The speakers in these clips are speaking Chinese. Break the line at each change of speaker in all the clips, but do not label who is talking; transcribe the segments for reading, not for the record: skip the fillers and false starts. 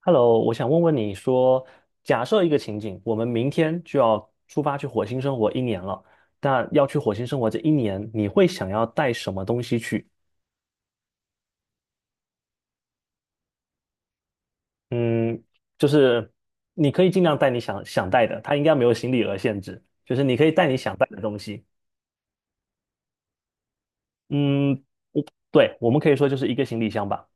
Hello，我想问问你说，假设一个情景，我们明天就要出发去火星生活一年了，那要去火星生活这一年，你会想要带什么东西去？嗯，就是你可以尽量带你想想带的，它应该没有行李额限制，就是你可以带你想带的东西。嗯，对，我们可以说就是一个行李箱吧。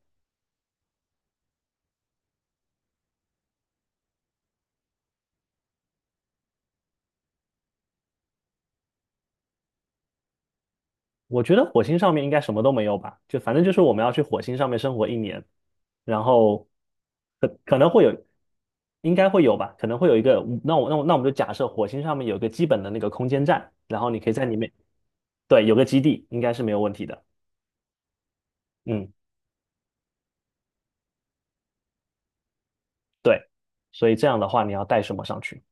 我觉得火星上面应该什么都没有吧，就反正就是我们要去火星上面生活一年，然后可能会有，应该会有吧，可能会有一个，那我们就假设火星上面有个基本的那个空间站，然后你可以在里面，对，有个基地应该是没有问题的，嗯，对，所以这样的话你要带什么上去？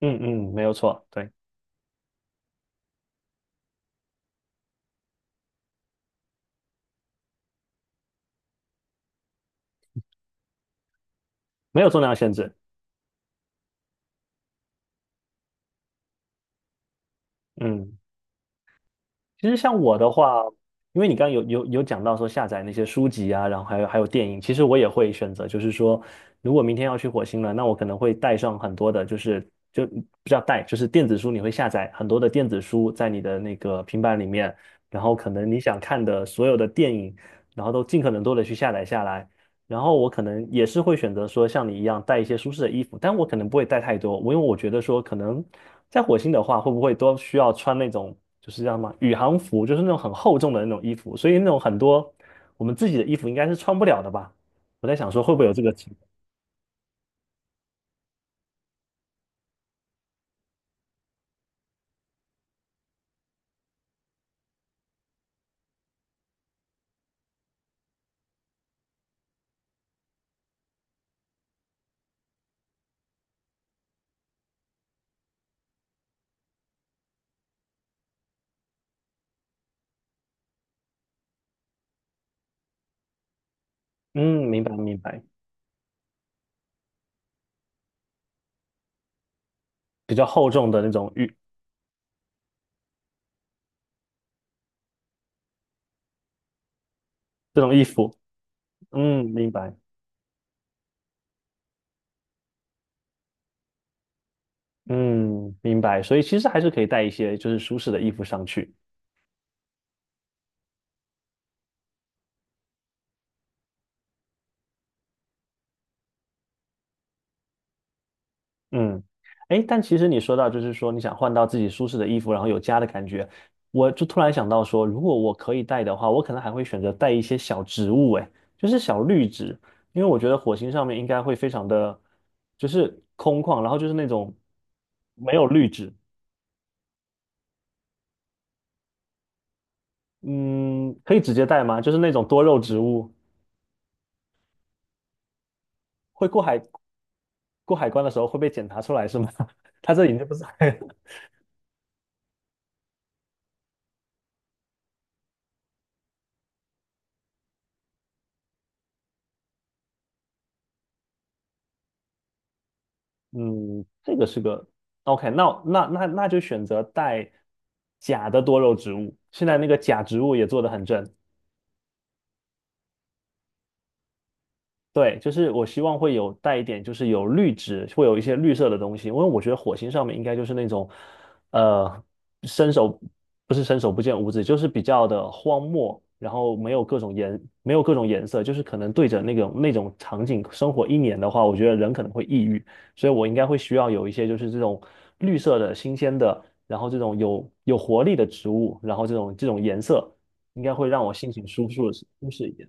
嗯嗯，没有错，对，没有重量限制，嗯。其实像我的话，因为你刚刚有讲到说下载那些书籍啊，然后还有电影，其实我也会选择，就是说，如果明天要去火星了，那我可能会带上很多的，就是就不叫带，就是电子书，你会下载很多的电子书在你的那个平板里面，然后可能你想看的所有的电影，然后都尽可能多的去下载下来，然后我可能也是会选择说像你一样带一些舒适的衣服，但我可能不会带太多，因为我觉得说可能在火星的话，会不会都需要穿那种就是叫什么宇航服，就是那种很厚重的那种衣服，所以那种很多我们自己的衣服应该是穿不了的吧？我在想说会不会有这个情况？嗯，明白明白，比较厚重的那种这种衣服，嗯，明白，嗯，明白，所以其实还是可以带一些就是舒适的衣服上去。嗯，哎，但其实你说到，就是说你想换到自己舒适的衣服，然后有家的感觉，我就突然想到说，如果我可以带的话，我可能还会选择带一些小植物，哎，就是小绿植，因为我觉得火星上面应该会非常的，就是空旷，然后就是那种没有绿植，嗯，可以直接带吗？就是那种多肉植物，会过海关的时候会被检查出来是吗？它这已经不是海，嗯，这个是个 OK，那就选择带假的多肉植物。现在那个假植物也做得很正，对，就是我希望会有带一点，就是有绿植，会有一些绿色的东西，因为我觉得火星上面应该就是那种，呃，伸手不是伸手不见五指，就是比较的荒漠，然后没有各种颜色，就是可能对着那种场景生活一年的话，我觉得人可能会抑郁，所以我应该会需要有一些就是这种绿色的、新鲜的，然后这种有活力的植物，然后这种颜色，应该会让我心情舒适一点。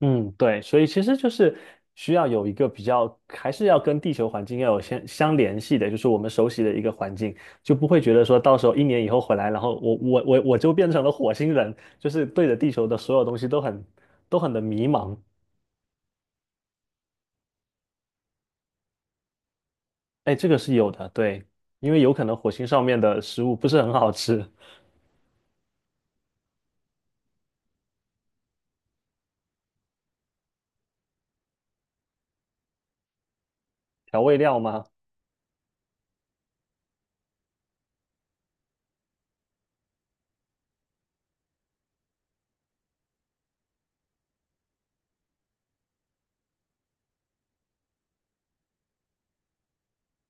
嗯，对，所以其实就是需要有一个比较，还是要跟地球环境要有相联系的，就是我们熟悉的一个环境，就不会觉得说到时候一年以后回来，然后我就变成了火星人，就是对着地球的所有东西都很的迷茫。哎，这个是有的，对，因为有可能火星上面的食物不是很好吃，调味料吗？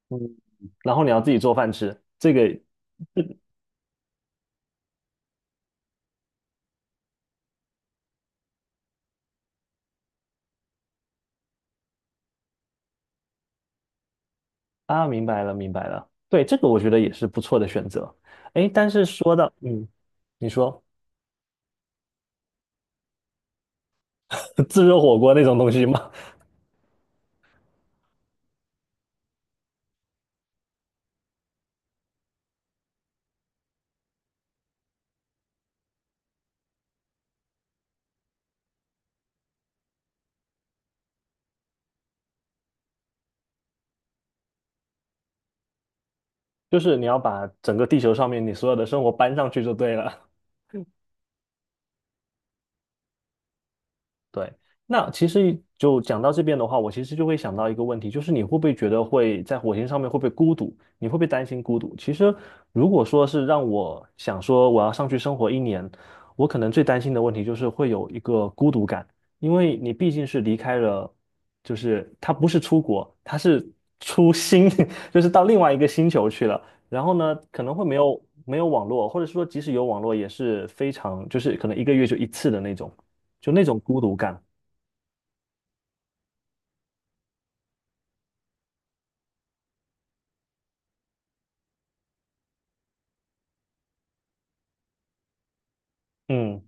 嗯，然后你要自己做饭吃，这个啊，明白了明白了，对，这个我觉得也是不错的选择。哎，但是说到你说。自热火锅那种东西吗？就是你要把整个地球上面你所有的生活搬上去就对了。对，那其实就讲到这边的话，我其实就会想到一个问题，就是你会不会觉得会在火星上面会不会孤独？你会不会担心孤独？其实如果说是让我想说我要上去生活一年，我可能最担心的问题就是会有一个孤独感，因为你毕竟是离开了，就是它不是出国，它是出星，就是到另外一个星球去了。然后呢，可能会没有网络，或者说即使有网络也是非常，就是可能一个月就一次的那种。就那种孤独感。嗯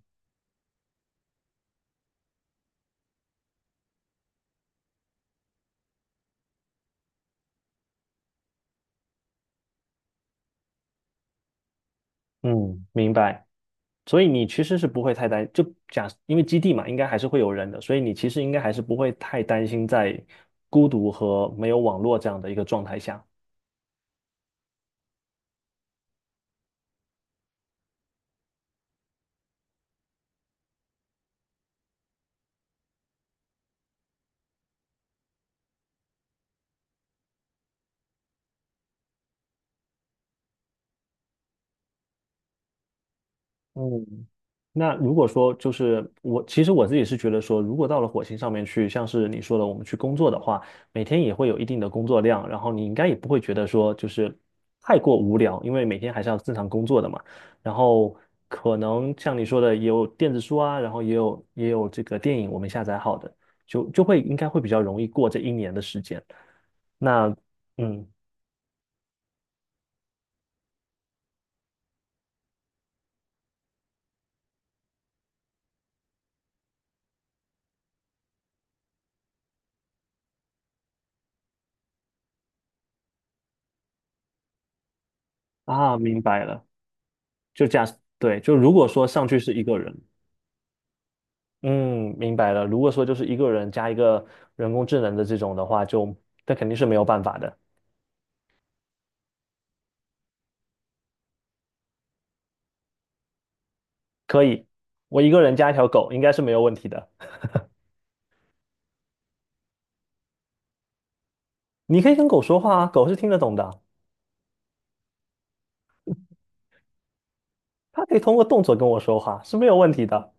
嗯，明白。所以你其实是不会太担，因为基地嘛，应该还是会有人的，所以你其实应该还是不会太担心在孤独和没有网络这样的一个状态下。嗯，那如果说就是我，其实我自己是觉得说，如果到了火星上面去，像是你说的，我们去工作的话，每天也会有一定的工作量，然后你应该也不会觉得说就是太过无聊，因为每天还是要正常工作的嘛。然后可能像你说的，也有电子书啊，然后也有这个电影我们下载好的，就会应该会比较容易过这一年的时间。那嗯明白了，就假，对，就如果说上去是一个人。嗯，明白了。如果说就是一个人加一个人工智能的这种的话，就那肯定是没有办法的。可以，我一个人加一条狗应该是没有问题的。你可以跟狗说话啊，狗是听得懂的，它可以通过动作跟我说话，是没有问题的。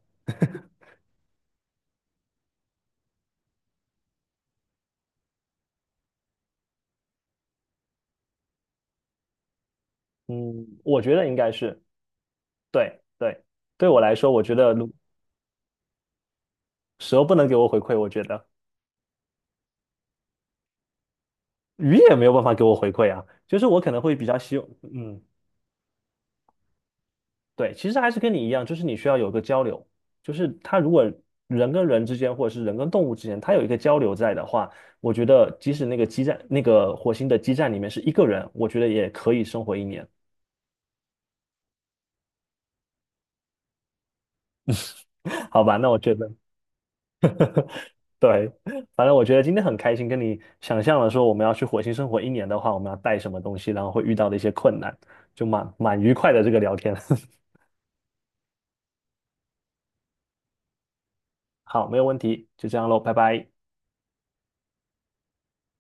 嗯，我觉得应该是对对，对我来说，我觉得蛇不能给我回馈，我觉得鱼也没有办法给我回馈啊。就是我可能会比较希望，嗯。对，其实还是跟你一样，就是你需要有个交流，就是他如果人跟人之间，或者是人跟动物之间，他有一个交流在的话，我觉得即使那个基站，那个火星的基站里面是一个人，我觉得也可以生活一年，好吧？那我觉得，对，反正我觉得今天很开心，跟你想象了说我们要去火星生活一年的话，我们要带什么东西，然后会遇到的一些困难，就蛮愉快的这个聊天。好，没有问题，就这样喽，拜拜。